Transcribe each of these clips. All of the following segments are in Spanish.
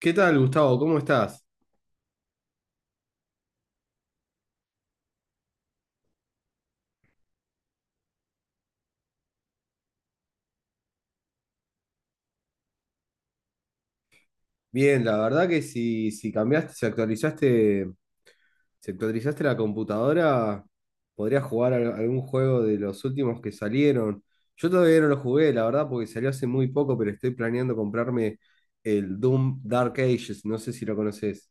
¿Qué tal, Gustavo? ¿Cómo estás? Bien, la verdad que si cambiaste, si actualizaste la computadora, podrías jugar algún juego de los últimos que salieron. Yo todavía no lo jugué, la verdad, porque salió hace muy poco, pero estoy planeando comprarme el Doom Dark Ages, no sé si lo conoces.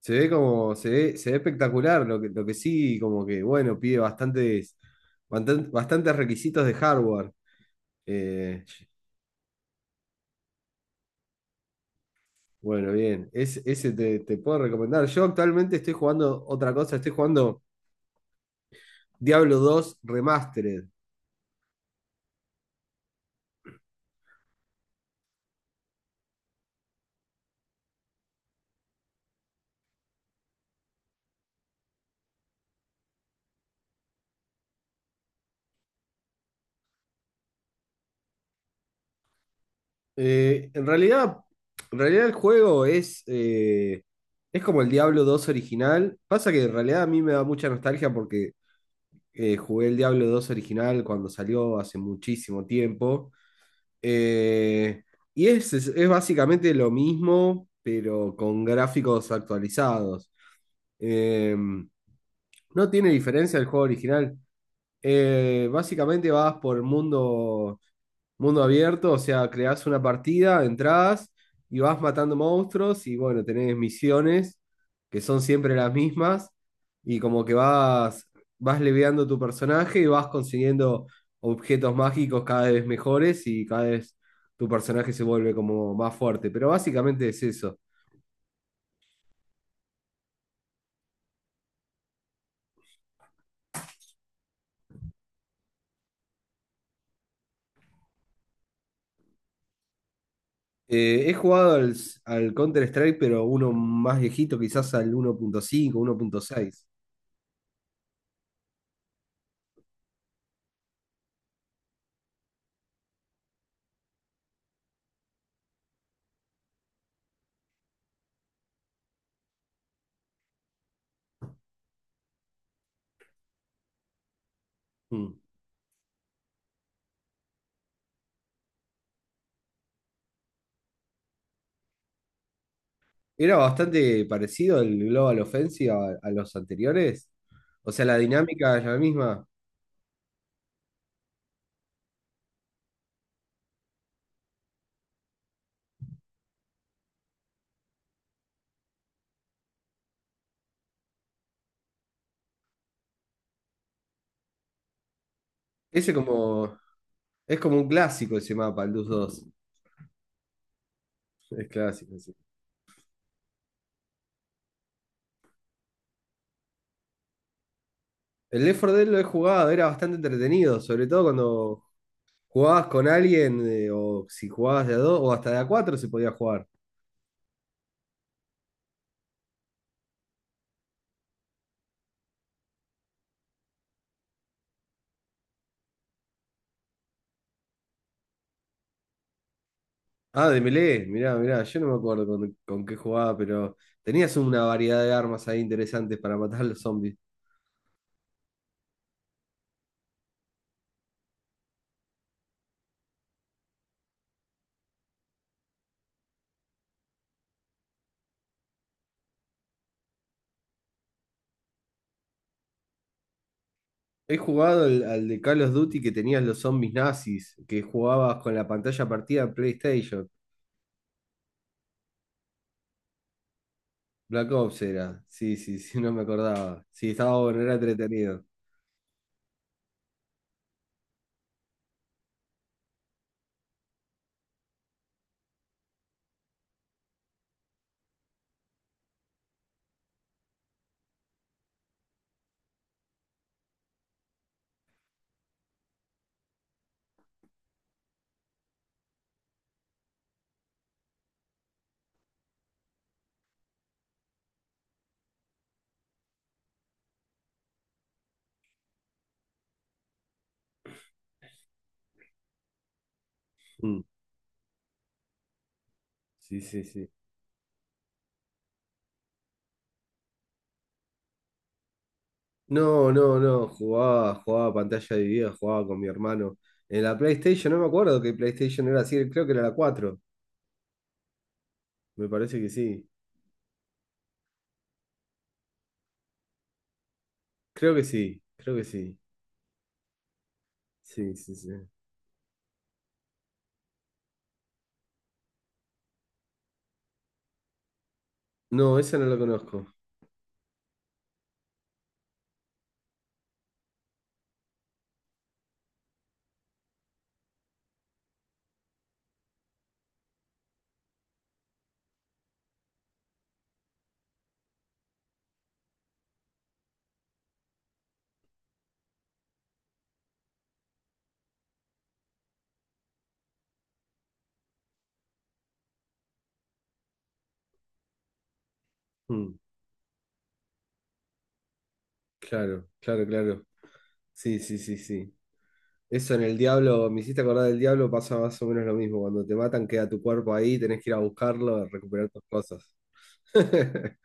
Se ve como, se ve espectacular, lo que sí, como que, bueno, pide bastantes requisitos de hardware. Eh, Bueno, bien. Ese te puedo recomendar. Yo actualmente estoy jugando otra cosa, estoy jugando Diablo 2 Remastered. Eh, en realidad, en realidad, el juego es como el Diablo 2 original. Pasa que en realidad a mí me da mucha nostalgia porque jugué el Diablo 2 original cuando salió hace muchísimo tiempo. Eh, y es básicamente lo mismo, pero con gráficos actualizados. Em, no tiene diferencia del juego original. Básicamente vas por el mundo, mundo abierto, o sea, creás una partida, entrás y vas matando monstruos y bueno, tenés misiones que son siempre las mismas y como que vas leveando tu personaje y vas consiguiendo objetos mágicos cada vez mejores y cada vez tu personaje se vuelve como más fuerte. Pero básicamente es eso. He jugado al Counter-Strike, pero uno más viejito, quizás al 1.5, 1.6. Mm. Era bastante parecido el Global Offensive a los anteriores. O sea, la dinámica es la misma. Ese como, es como un clásico ese mapa, el Dus 2. Es clásico, sí. El Left 4 Dead lo he jugado, era bastante entretenido, sobre todo cuando jugabas con alguien, o si jugabas de a 2, o hasta de a 4 se podía jugar. Ah, de melee, mirá, mirá, yo no me acuerdo con qué jugaba, pero tenías una variedad de armas ahí interesantes para matar a los zombies. He jugado al de Call of Duty que tenías los zombies nazis, que jugabas con la pantalla partida en PlayStation. Black Ops era. Sí, sí, sí, no me acordaba. Sí, estaba bueno, era entretenido. Mm, sí, sí, sí. No, no, no, jugaba pantalla dividida, jugaba con mi hermano. En la PlayStation, no me acuerdo que PlayStation era, así, creo que era la 4. Me parece que sí. Creo que sí, creo que sí. Sí, sí, sí. No, esa no la conozco. Mm, claro, claro, claro. Sí, sí, sí, sí. Eso en el Diablo, me hiciste acordar del Diablo, pasa más o menos lo mismo. Cuando te matan, queda tu cuerpo ahí, tenés que ir a buscarlo, a recuperar tus cosas.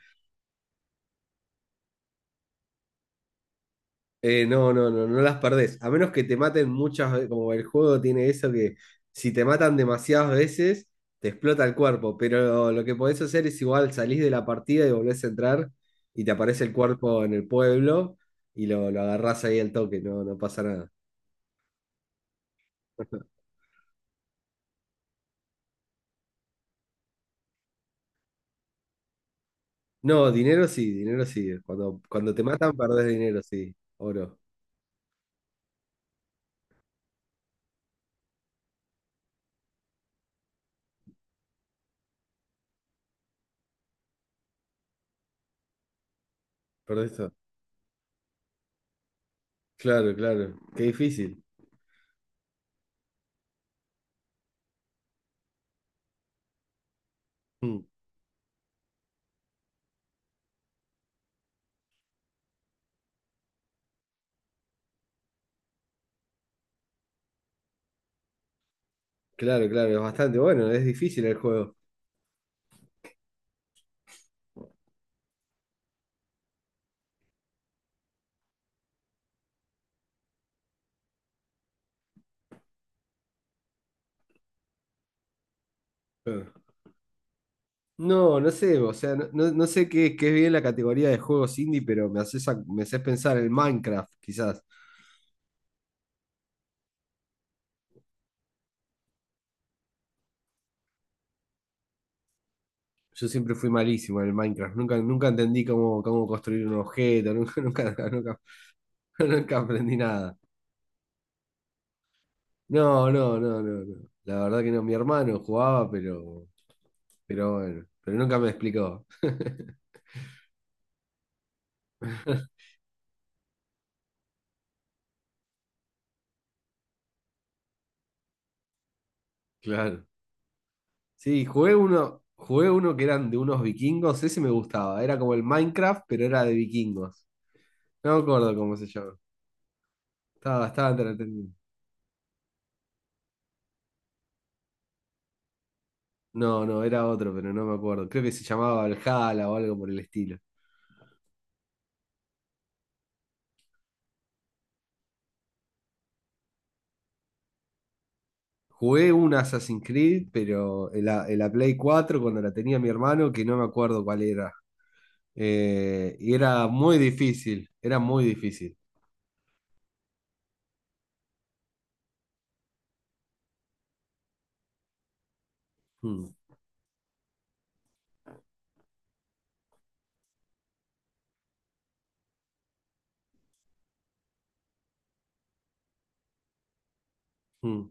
No, no, no, no las perdés. A menos que te maten muchas veces, como el juego tiene eso que si te matan demasiadas veces, te explota el cuerpo. Pero lo que podés hacer es igual, salís de la partida y volvés a entrar y te aparece el cuerpo en el pueblo y lo agarrás ahí al toque, no, no pasa nada. No, dinero sí, dinero sí. Cuando te matan, perdés dinero, sí. Oro. Perdés todo. Claro, claro. Qué difícil. Mm, claro, claro, es bastante bueno, es difícil el juego. Ah. No, no sé, o sea, no sé qué es bien la categoría de juegos indie, pero me haces, me haces pensar en Minecraft, quizás. Yo siempre fui malísimo en el Minecraft, nunca entendí cómo construir un objeto, nunca, nunca, nunca, nunca aprendí nada. No, no, no, no, no. La verdad que no, mi hermano jugaba, pero, bueno, pero nunca me explicó. Claro. Sí, jugué uno que eran de unos vikingos, ese me gustaba. Era como el Minecraft, pero era de vikingos. No me acuerdo cómo se llama. Estaba bastante entretenido. No, no, era otro, pero no me acuerdo. Creo que se llamaba Valhalla o algo por el estilo. Jugué un Assassin's Creed, pero en la Play 4 cuando la tenía mi hermano, que no me acuerdo cuál era. Y era muy difícil, era muy difícil. Mm, mm.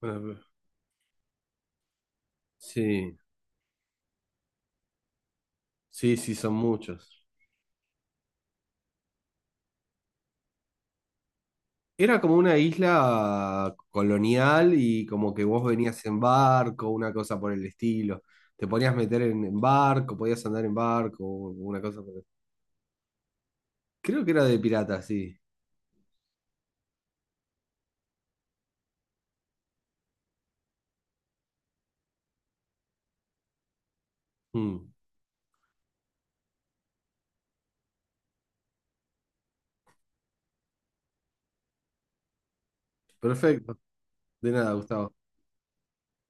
Bueno, pero- Sí, sí, sí, son muchos. Era como una isla colonial y como que vos venías en barco, una cosa por el estilo. Te podías meter en barco, podías andar en barco, una cosa por el- Creo que era de pirata, sí. Mm. Perfecto. De nada, Gustavo.